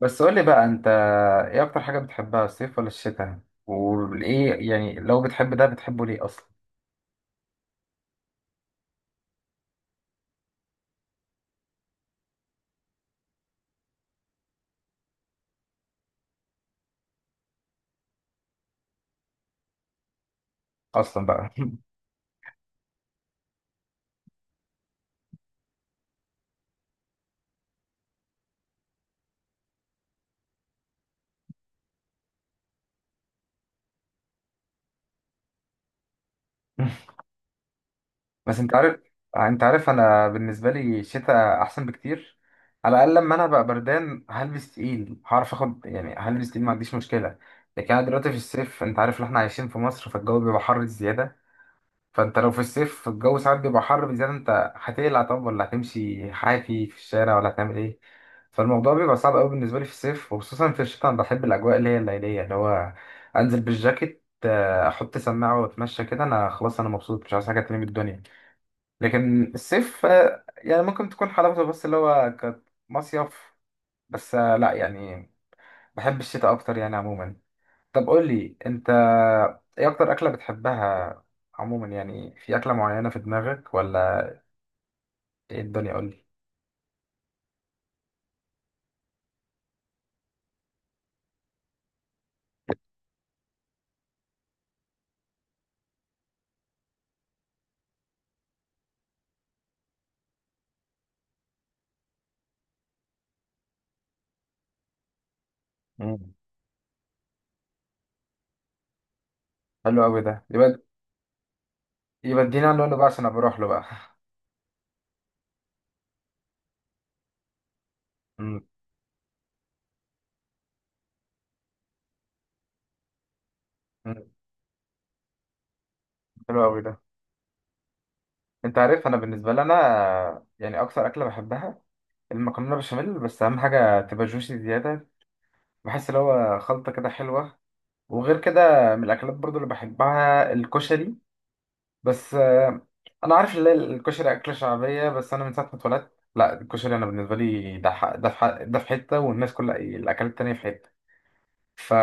بس قول لي بقى انت، ايه اكتر حاجة بتحبها؟ الصيف ولا الشتاء؟ وايه يعني لو بتحب ده بتحبه ليه اصلا؟ اصلا بقى. بس انت عارف، انت عارف انا بالنسبة لي الشتاء احسن بكتير. على الاقل لما انا بقى بردان هلبس تقيل، هعرف اخد، يعني هلبس تقيل ما عنديش مشكلة. لكن انا دلوقتي في الصيف، انت عارف ان احنا عايشين في مصر فالجو بيبقى حر زيادة. فانت لو في الصيف الجو ساعات بيبقى حر بزيادة، انت هتقلع؟ طب ولا هتمشي حافي في الشارع؟ ولا هتعمل ايه؟ فالموضوع بيبقى صعب قوي بالنسبة لي في الصيف. وخصوصا في الشتاء انا بحب الاجواء اللي هي الليلية، اللي هو انزل بالجاكيت، احط سماعة واتمشى كده، انا خلاص، انا مبسوط، مش عايز حاجة تانية من الدنيا. لكن الصيف يعني ممكن تكون حلاوته بس اللي هو كمصيف. بس لا يعني، بحب الشتاء اكتر يعني عموما. طب قول لي انت، ايه اكتر اكله بتحبها؟ عموما يعني في اكله معينه في دماغك ولا ايه الدنيا؟ قول لي. مم. حلو قوي ده، يبقى. يبقى ادينا عنوانه بقى عشان أبقى اروح له بقى. مم. مم. حلو قوي ده. انت عارف انا بالنسبه لي انا، يعني اكتر اكله بحبها المكرونه بشاميل، بس اهم حاجه تبقى جوسي زياده. بحس اللي هو خلطه كده حلوه. وغير كده، من الاكلات برضو اللي بحبها الكشري. بس انا عارف ان الكشري اكله شعبيه، بس انا من ساعه ما اتولدت لا الكشري، انا بالنسبه لي ده ده في ده في حته والناس كلها الاكلات التانيه في حته. ف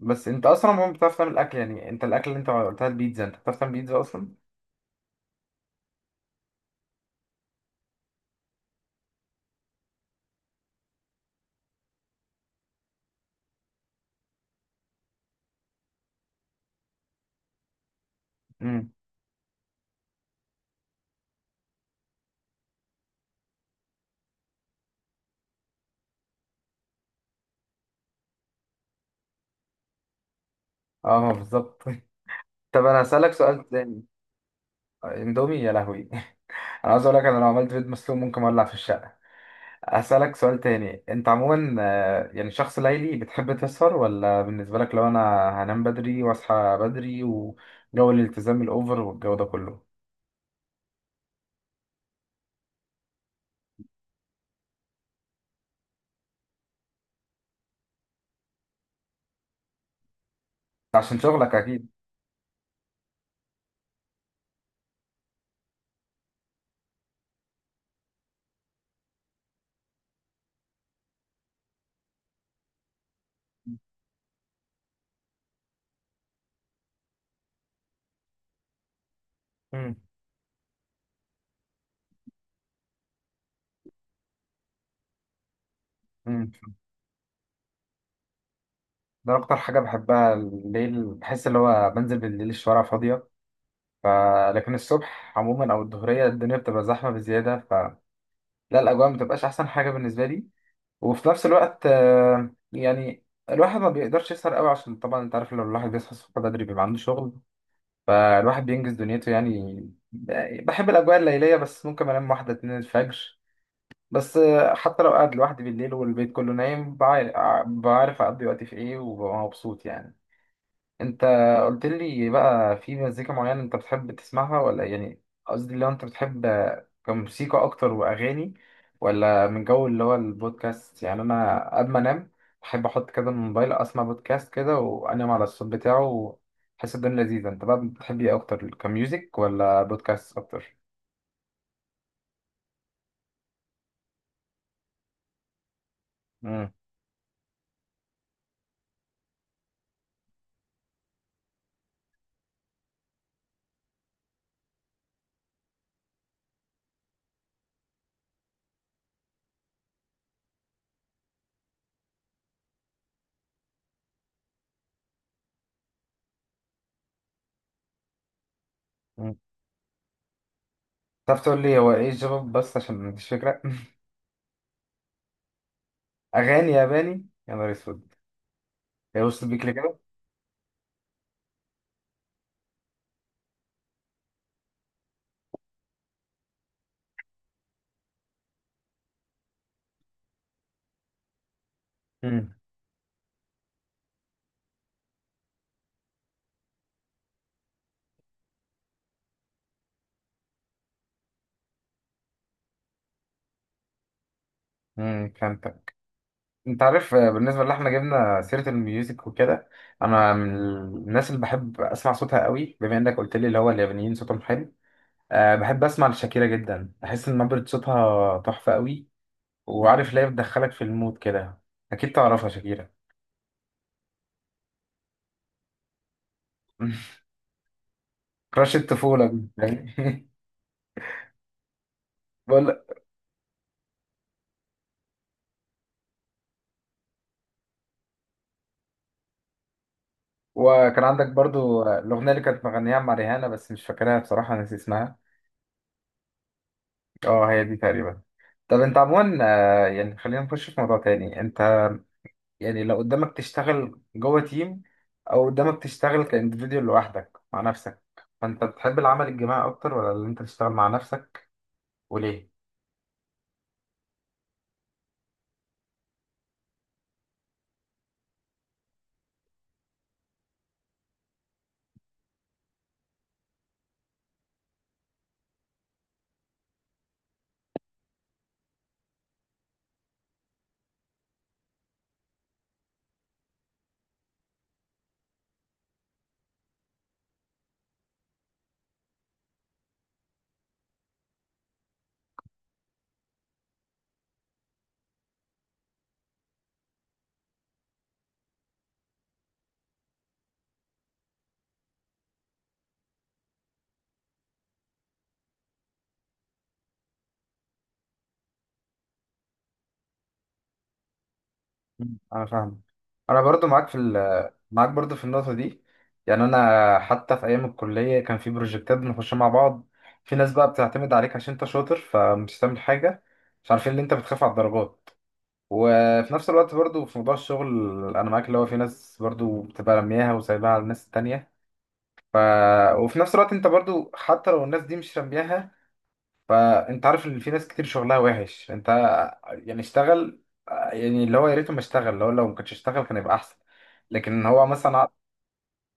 بس انت اصلا ما بتعرف تعمل اكل يعني. انت الاكل اللي انت قلتها البيتزا، انت بتعرف تعمل بيتزا اصلا؟ امم. اه بالظبط. طب انا هسالك سؤال تاني. اندومي يا لهوي. انا عايز اقول لك، انا لو عملت بيض مسلوق ممكن اولع في الشقه. أسألك سؤال تاني، أنت عموما يعني شخص ليلي بتحب تسهر؟ ولا بالنسبة لك لو أنا هنام بدري وأصحى بدري وجو الالتزام الأوفر والجو ده كله؟ عشان شغلك أكيد. مم. مم. ده أكتر حاجة بحبها الليل، بحس اللي هو بنزل بالليل الشوارع فاضية. ف... لكن الصبح عموما أو الظهرية الدنيا بتبقى زحمة بزيادة، فلا، الأجواء ما بتبقاش أحسن حاجة بالنسبة لي. وفي نفس الوقت يعني الواحد ما بيقدرش يسهر قوي عشان طبعا أنت عارف، لو الواحد بيصحى الصبح بدري بيبقى عنده شغل. فالواحد بينجز دنيته يعني. بحب الأجواء الليلية بس ممكن أنام 1 2 الفجر بس. حتى لو قاعد لوحدي بالليل والبيت كله نايم بعرف أقضي وقتي في إيه وببقى مبسوط يعني. انت، قلت لي بقى في مزيكا معينة انت بتحب تسمعها؟ ولا يعني قصدي لو انت بتحب كموسيقى اكتر واغاني، ولا من جو اللي هو البودكاست؟ يعني انا قبل ما انام بحب احط كده الموبايل، اسمع بودكاست كده وانام على الصوت بتاعه، وحس الدنيا لذيذة. انت بقى بتحب ايه اكتر؟ كميوزك ولا بودكاست اكتر؟ امم. تعرف تقول لي هو ايه الجواب بس عشان مفيش فكرة. اغاني ياباني يا نهار اسود. يوصل بيك لكده. امم. فهمتك. انت عارف بالنسبه اللي احنا جبنا سيره الميوزك وكده، انا من الناس اللي بحب اسمع صوتها قوي، بما انك قلت لي اللي هو اليابانيين صوتهم حلو. أه بحب اسمع لشاكيرا جدا، بحس ان نبره صوتها تحفه قوي. وعارف ليه؟ بتدخلك في المود كده. اكيد تعرفها شاكيرا. كراش الطفوله دي، فاهم؟ بقول، وكان عندك برضو الاغنيه اللي كانت مغنيها مع ريهانه بس مش فاكرها بصراحه، ناسي اسمها. اه هي دي تقريبا. طب انت عموما يعني خلينا نخش في موضوع تاني، انت يعني لو قدامك تشتغل جوه تيم، او قدامك تشتغل كاندفيديوال لوحدك مع نفسك، فانت بتحب العمل الجماعي اكتر ولا اللي انت تشتغل مع نفسك؟ وليه؟ مم. انا فاهم. انا برضو معاك في معاك برضو في النقطه دي. يعني انا حتى في ايام الكليه كان في بروجكتات بنخشها مع بعض، في ناس بقى بتعتمد عليك عشان انت شاطر، فمش هتعمل حاجه، مش عارفين ان انت بتخاف على الدرجات. وفي نفس الوقت برضو في موضوع الشغل انا معاك، اللي هو في ناس برضو بتبقى رمياها وسايباها على الناس التانية. ف... وفي نفس الوقت انت برضو حتى لو الناس دي مش رمياها، فانت عارف ان في ناس كتير شغلها وحش. انت يعني اشتغل، يعني اللي هو يا ريته ما اشتغل، اللي هو لو ما كانش اشتغل كان يبقى احسن. لكن هو مثلا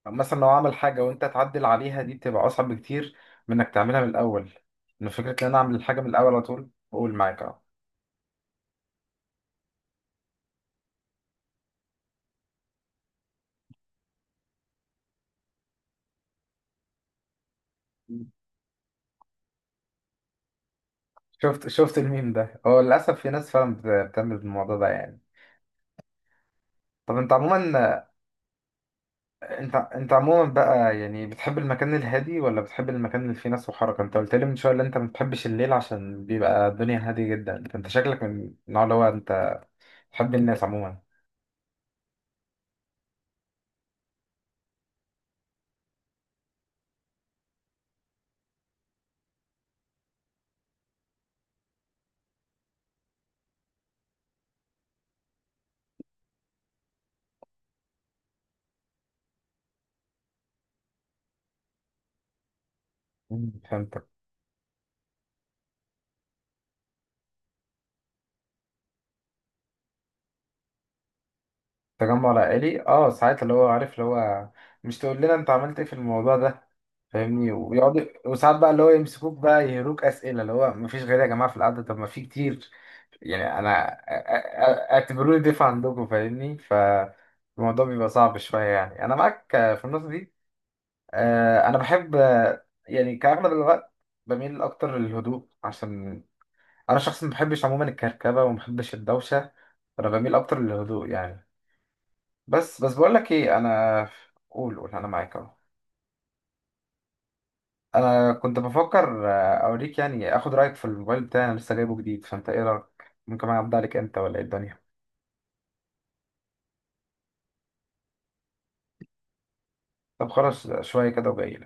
مثلا لو عمل حاجه وانت تعدل عليها دي بتبقى اصعب بكتير من انك تعملها من الاول. ان فكره ان انا اعمل الحاجه من الاول على طول، بقول معاك اه. شفت؟ شفت الميم ده؟ هو للاسف في ناس فعلا بتعمل الموضوع ده يعني. طب انت عموما، انت عموما بقى يعني بتحب المكان الهادي ولا بتحب المكان اللي فيه ناس وحركه؟ انت قلت لي من شويه ان انت ما بتحبش الليل عشان بيبقى الدنيا هاديه جدا. انت، أنت شكلك من النوع اللي هو انت تحب الناس عموما؟ مم. فهمتك. تجمع العائلي اه، ساعات اللي هو عارف اللي هو، مش تقول لنا انت عملت ايه في الموضوع ده، فاهمني؟ ويقعد، وساعات بقى اللي هو يمسكوك بقى يهروك اسئله، اللي هو ما فيش غير يا جماعه في القعده طب ما في كتير يعني. انا اعتبروني ضيف عندكم فاهمني، فالموضوع بيبقى صعب شويه يعني. انا معاك في النقطه دي. انا بحب يعني كاغلب الوقت بميل اكتر للهدوء، عشان انا شخص ما بحبش عموما الكركبه وما بحبش الدوشه، فانا بميل اكتر للهدوء يعني. بس بقول لك ايه انا، قول، انا معاك اهو. انا كنت بفكر اوريك يعني، اخد رايك في الموبايل بتاعي، انا لسه جايبه جديد، فانت ايه رايك؟ ممكن اعدي عليك انت ولا ايه الدنيا؟ طب خلاص شويه كده وجاي.